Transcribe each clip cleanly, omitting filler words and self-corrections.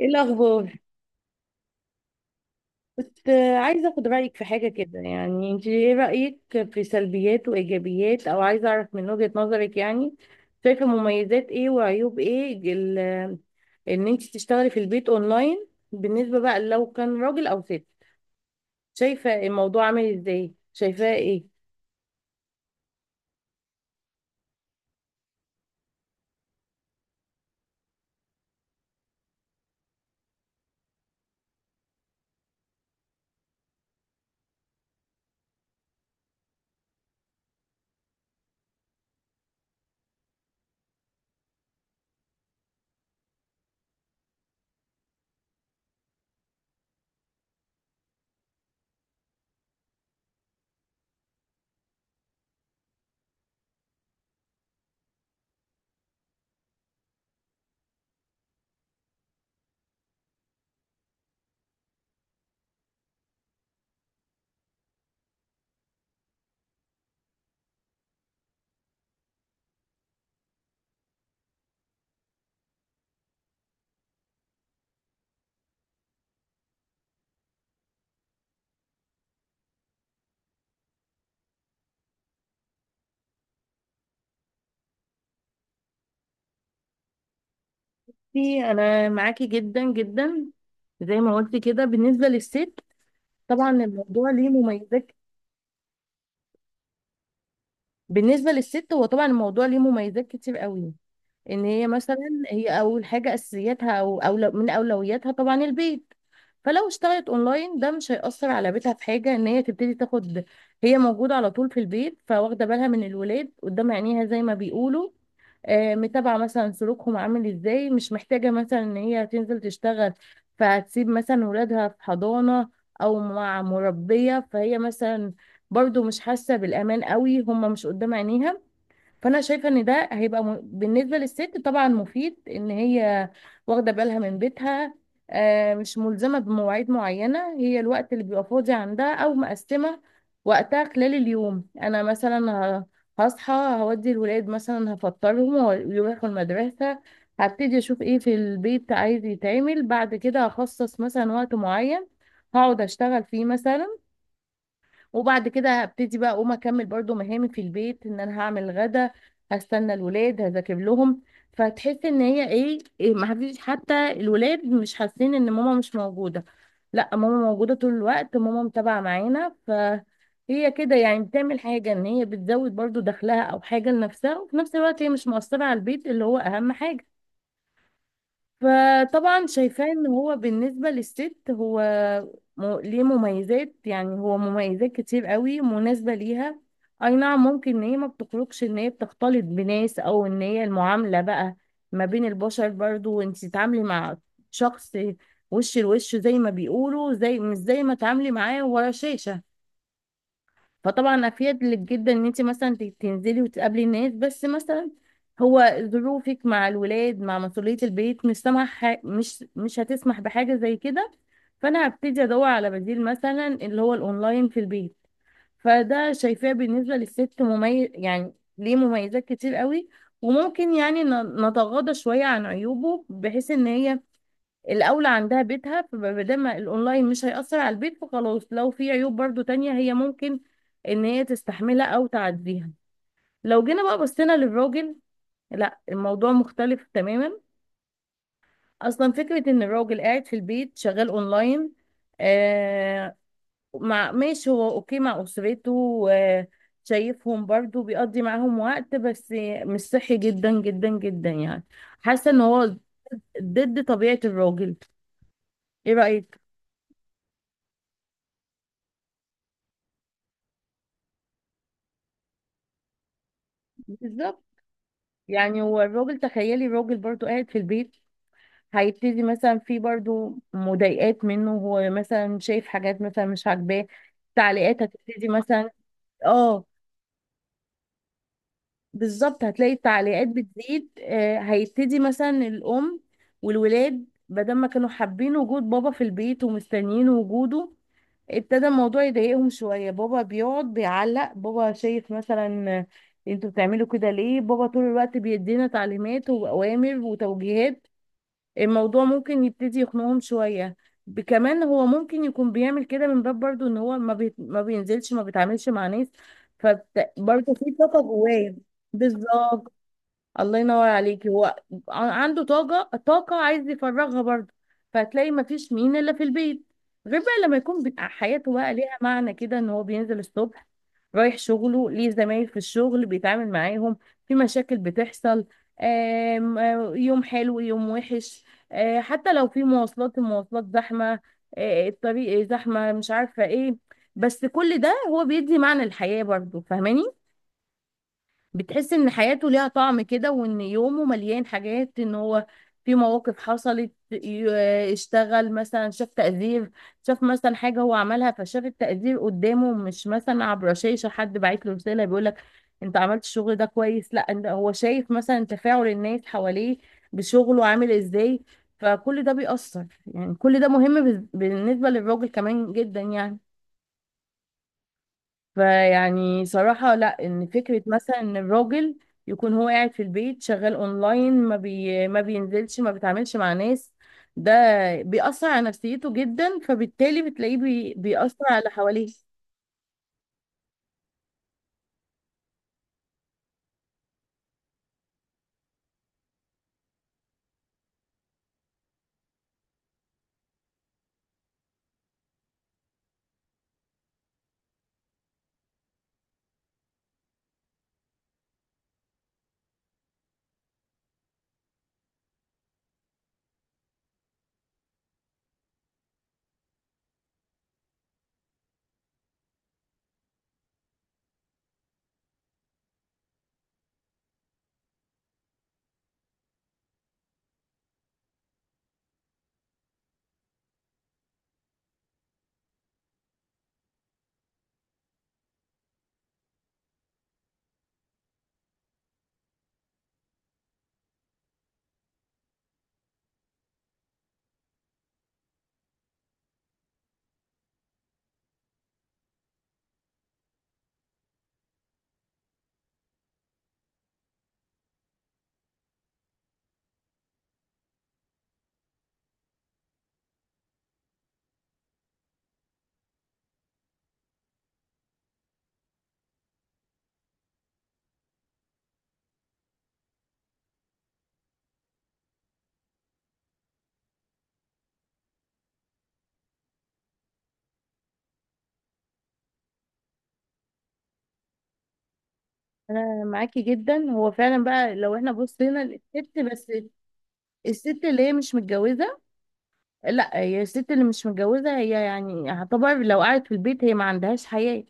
ايه الاخبار؟ كنت عايزه اخد رايك في حاجه كده، يعني انت ايه رايك في سلبيات وايجابيات، او عايزه اعرف من وجهه نظرك يعني، شايفه مميزات ايه وعيوب ايه ان انت تشتغلي في البيت اونلاين، بالنسبه بقى لو كان راجل او ست. شايفه الموضوع عامل ازاي؟ شايفاه ايه؟ انا معاكي جدا جدا. زي ما قلت كده، بالنسبه للست طبعا الموضوع ليه مميزات. بالنسبه للست، هو طبعا الموضوع ليه مميزات كتير قوي. ان هي مثلا، هي اول حاجه اساسياتها او أولو من اولوياتها طبعا البيت، فلو اشتغلت اونلاين ده مش هيأثر على بيتها في حاجه. ان هي تبتدي تاخد، هي موجوده على طول في البيت، فواخده بالها من الولاد قدام عينيها زي ما بيقولوا، آه، متابعه مثلا سلوكهم عامل ازاي، مش محتاجه مثلا ان هي تنزل تشتغل فهتسيب مثلا ولادها في حضانه او مع مربيه، فهي مثلا برضو مش حاسه بالامان قوي هم مش قدام عينيها. فانا شايفه ان ده هيبقى بالنسبه للست طبعا مفيد ان هي واخده بالها من بيتها، آه، مش ملزمه بمواعيد معينه، هي الوقت اللي بيبقى فاضي عندها او مقسمه وقتها خلال اليوم. انا مثلا ه- هصحى هودي الولاد، مثلا هفطرهم ويروحوا المدرسه، هبتدي اشوف ايه في البيت عايز يتعمل، بعد كده هخصص مثلا وقت معين هقعد اشتغل فيه مثلا، وبعد كده هبتدي بقى اقوم اكمل برضو مهامي في البيت، ان انا هعمل غدا، هستنى الولاد، هذاكر لهم. فتحس ان هي إيه ما فيش، حتى الولاد مش حاسين ان ماما مش موجودة، لا ماما موجودة طول الوقت، ماما متابعة معانا. فهي كده يعني بتعمل حاجة، ان هي بتزود برضو دخلها او حاجة لنفسها، وفي نفس الوقت هي مش مؤثرة على البيت اللي هو اهم حاجة. فطبعا شايفاه ان هو بالنسبة للست هو ليه مميزات، يعني هو مميزات كتير قوي مناسبة ليها. اي نعم، ممكن ان هي ما بتخرجش، ان هي بتختلط بناس او ان هي المعاملة بقى ما بين البشر، برضو وانت تتعاملي مع شخص وش لوش زي ما بيقولوا، زي مش زي ما تعاملي معاه ورا شاشة. فطبعا افيد لك جدا ان انت مثلا تنزلي وتقابلي الناس، بس مثلا هو ظروفك مع الولاد مع مسؤولية البيت مش هتسمح بحاجة زي كده، فانا هبتدي ادور على بديل مثلا اللي هو الاونلاين في البيت. فده شايفاه بالنسبة للست مميز، يعني ليه مميزات كتير قوي، وممكن يعني نتغاضى شوية عن عيوبه، بحيث ان هي الاولى عندها بيتها، فما دام الاونلاين مش هيأثر على البيت فخلاص، لو في عيوب برضو تانية هي ممكن ان هي تستحملها او تعديها. لو جينا بقى بصينا للراجل، لا الموضوع مختلف تماما. اصلا فكرة ان الراجل قاعد في البيت شغال اونلاين، آه، مع ماشي هو اوكي مع اسرته، آه، شايفهم برضو بيقضي معاهم وقت، بس مش صحي جدا جدا جدا يعني. حاسة ان هو ضد طبيعة الراجل. ايه رأيك؟ بالظبط. يعني هو الراجل، تخيلي الراجل برضو قاعد في البيت، هيبتدي مثلا في برضو مضايقات منه، هو مثلا شايف حاجات مثلا مش عاجباه، تعليقات هتبتدي مثلا. اه، بالظبط هتلاقي التعليقات بتزيد. آه، هيبتدي مثلا الأم والولاد بدل ما كانوا حابين وجود بابا في البيت ومستنيين وجوده، ابتدى الموضوع يضايقهم شوية، بابا بيقعد بيعلق، بابا شايف مثلا، آه، انتوا بتعملوا كده ليه؟ بابا طول الوقت بيدينا تعليمات وأوامر وتوجيهات، الموضوع ممكن يبتدي يخنقهم شوية. كمان هو ممكن يكون بيعمل كده من باب برضو ان هو ما بينزلش ما بيتعاملش مع ناس، فبرضه في طاقة جواه. بالظبط. الله ينور عليكي، هو عنده طاقة عايز يفرغها برضه. فهتلاقي مفيش مين إلا في البيت، غير بقى لما يكون حياته بقى ليها معنى كده، إن هو بينزل الصبح رايح شغله، ليه زمايل في الشغل بيتعامل معاهم، في مشاكل بتحصل، آم، آه، يوم حلو يوم وحش، حتى لو في مواصلات، المواصلات زحمة، الطريق زحمة، مش عارفة ايه، بس كل ده هو بيدي معنى الحياة برضه، فاهماني؟ بتحس ان حياته ليها طعم كده، وان يومه مليان حاجات، ان هو في مواقف حصلت، اشتغل مثلا شاف تقدير، شاف مثلا حاجة هو عملها فشاف التقدير قدامه، مش مثلا عبر شاشة حد باعت له رسالة بيقول لك انت عملت الشغل ده كويس، لا انت هو شايف مثلا تفاعل الناس حواليه بشغله عامل ازاي. فكل ده بيأثر، يعني كل ده مهم بالنسبة للراجل كمان جدا يعني. فيعني صراحة لا، ان فكرة مثلا ان الراجل يكون هو قاعد في البيت شغال اونلاين، ما بينزلش ما بيتعاملش مع ناس، ده بيأثر على نفسيته جدا، فبالتالي بتلاقيه بيأثر على حواليه. انا معاكي جدا. هو فعلا بقى لو احنا بصينا للست بس، الست اللي هي مش متجوزة، لا هي الست اللي مش متجوزة هي يعني هتعتبر لو قعدت في البيت هي ما عندهاش حياة،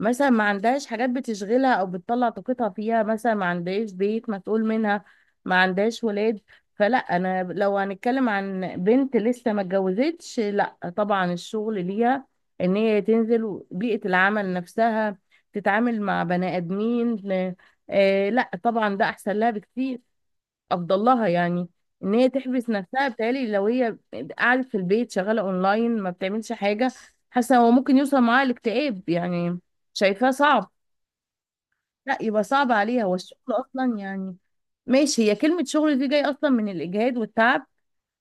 مثلا ما عندهاش حاجات بتشغلها او بتطلع طاقتها فيها، مثلا ما عندهاش بيت مسؤول منها، ما عندهاش ولاد. فلا، انا لو هنتكلم عن بنت لسه ما اتجوزتش، لا طبعا الشغل ليها ان هي تنزل بيئة العمل نفسها، تتعامل مع بني ادمين. آه، لا طبعا ده احسن لها بكتير، افضل لها يعني. ان هي تحبس نفسها، بتهيألي لو هي قعدت في البيت شغاله اونلاين ما بتعملش حاجه، حاسه هو ممكن يوصل معاها الاكتئاب يعني. شايفاه صعب. لا يبقى صعب عليها. والشغل اصلا يعني، ماشي هي كلمه شغل دي جاي اصلا من الاجهاد والتعب،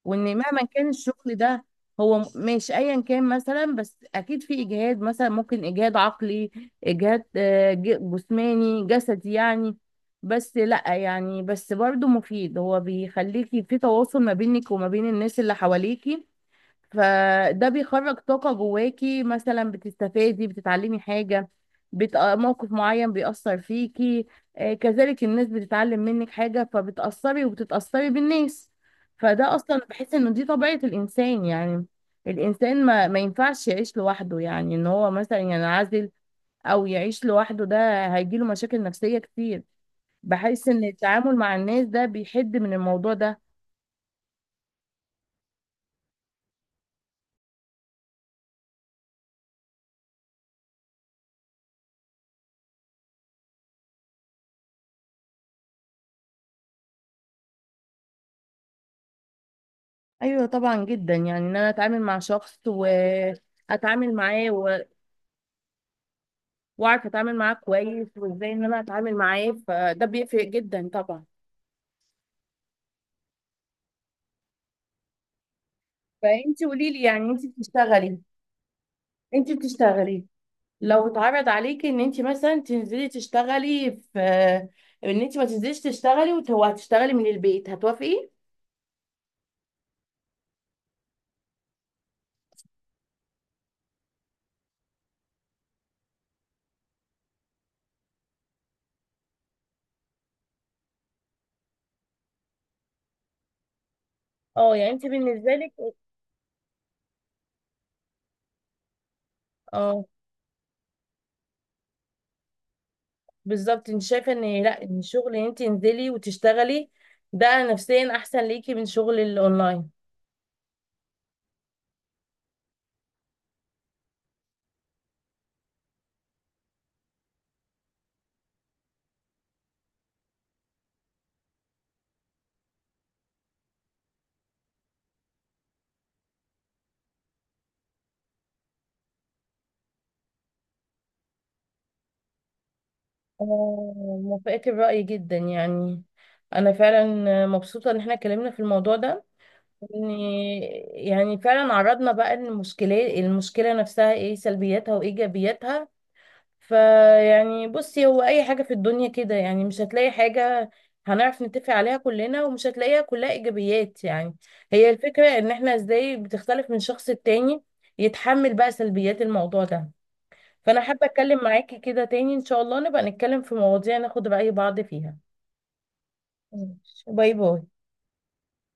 وان مهما كان الشغل ده هو ماشي ايا كان مثلا، بس اكيد في اجهاد، مثلا ممكن اجهاد عقلي، اجهاد، آه، جسماني جسدي يعني. بس لا يعني، بس برضو مفيد، هو بيخليكي في تواصل ما بينك وما بين الناس اللي حواليكي، فده بيخرج طاقة جواكي، مثلا بتستفادي بتتعلمي حاجة، موقف معين بيأثر فيكي، آه، كذلك الناس بتتعلم منك حاجة، فبتأثري وبتتأثري بالناس. فده أصلا بحس إنه دي طبيعة الإنسان يعني. الإنسان ما ينفعش يعيش لوحده، يعني إن هو مثلا ينعزل أو يعيش لوحده ده هيجيله مشاكل نفسية كتير. بحس إن التعامل مع الناس ده بيحد من الموضوع ده. ايوه طبعا، جدا يعني ان انا اتعامل مع شخص واتعامل معاه واعرف اتعامل معاه كويس وازاي ان انا اتعامل معاه، فده بيفرق جدا طبعا. فانت قولي لي، يعني انت بتشتغلي، لو اتعرض عليكي ان انت مثلا تنزلي تشتغلي في، ان انت ما تنزليش تشتغلي وهتشتغلي من البيت، هتوافقي؟ اه، يعني انت بالنسبه لك، اه بالظبط، انت شايفه ان لا، ان الشغل ان انت تنزلي وتشتغلي ده نفسيا احسن ليكي من شغل الاونلاين. آه، موافقة الرأي جدا يعني. أنا فعلا مبسوطة إن احنا اتكلمنا في الموضوع ده، إن يعني فعلا عرضنا بقى المشكلة نفسها إيه سلبياتها وإيجابياتها. فيعني بصي، هو أي حاجة في الدنيا كده يعني، مش هتلاقي حاجة هنعرف نتفق عليها كلنا، ومش هتلاقيها كلها إيجابيات يعني. هي الفكرة إن احنا إزاي بتختلف من شخص التاني يتحمل بقى سلبيات الموضوع ده. فانا حابه اتكلم معاكي كده تاني ان شاء الله، نبقى نتكلم في مواضيع ناخد رأي بعض فيها. ماشي. باي باي.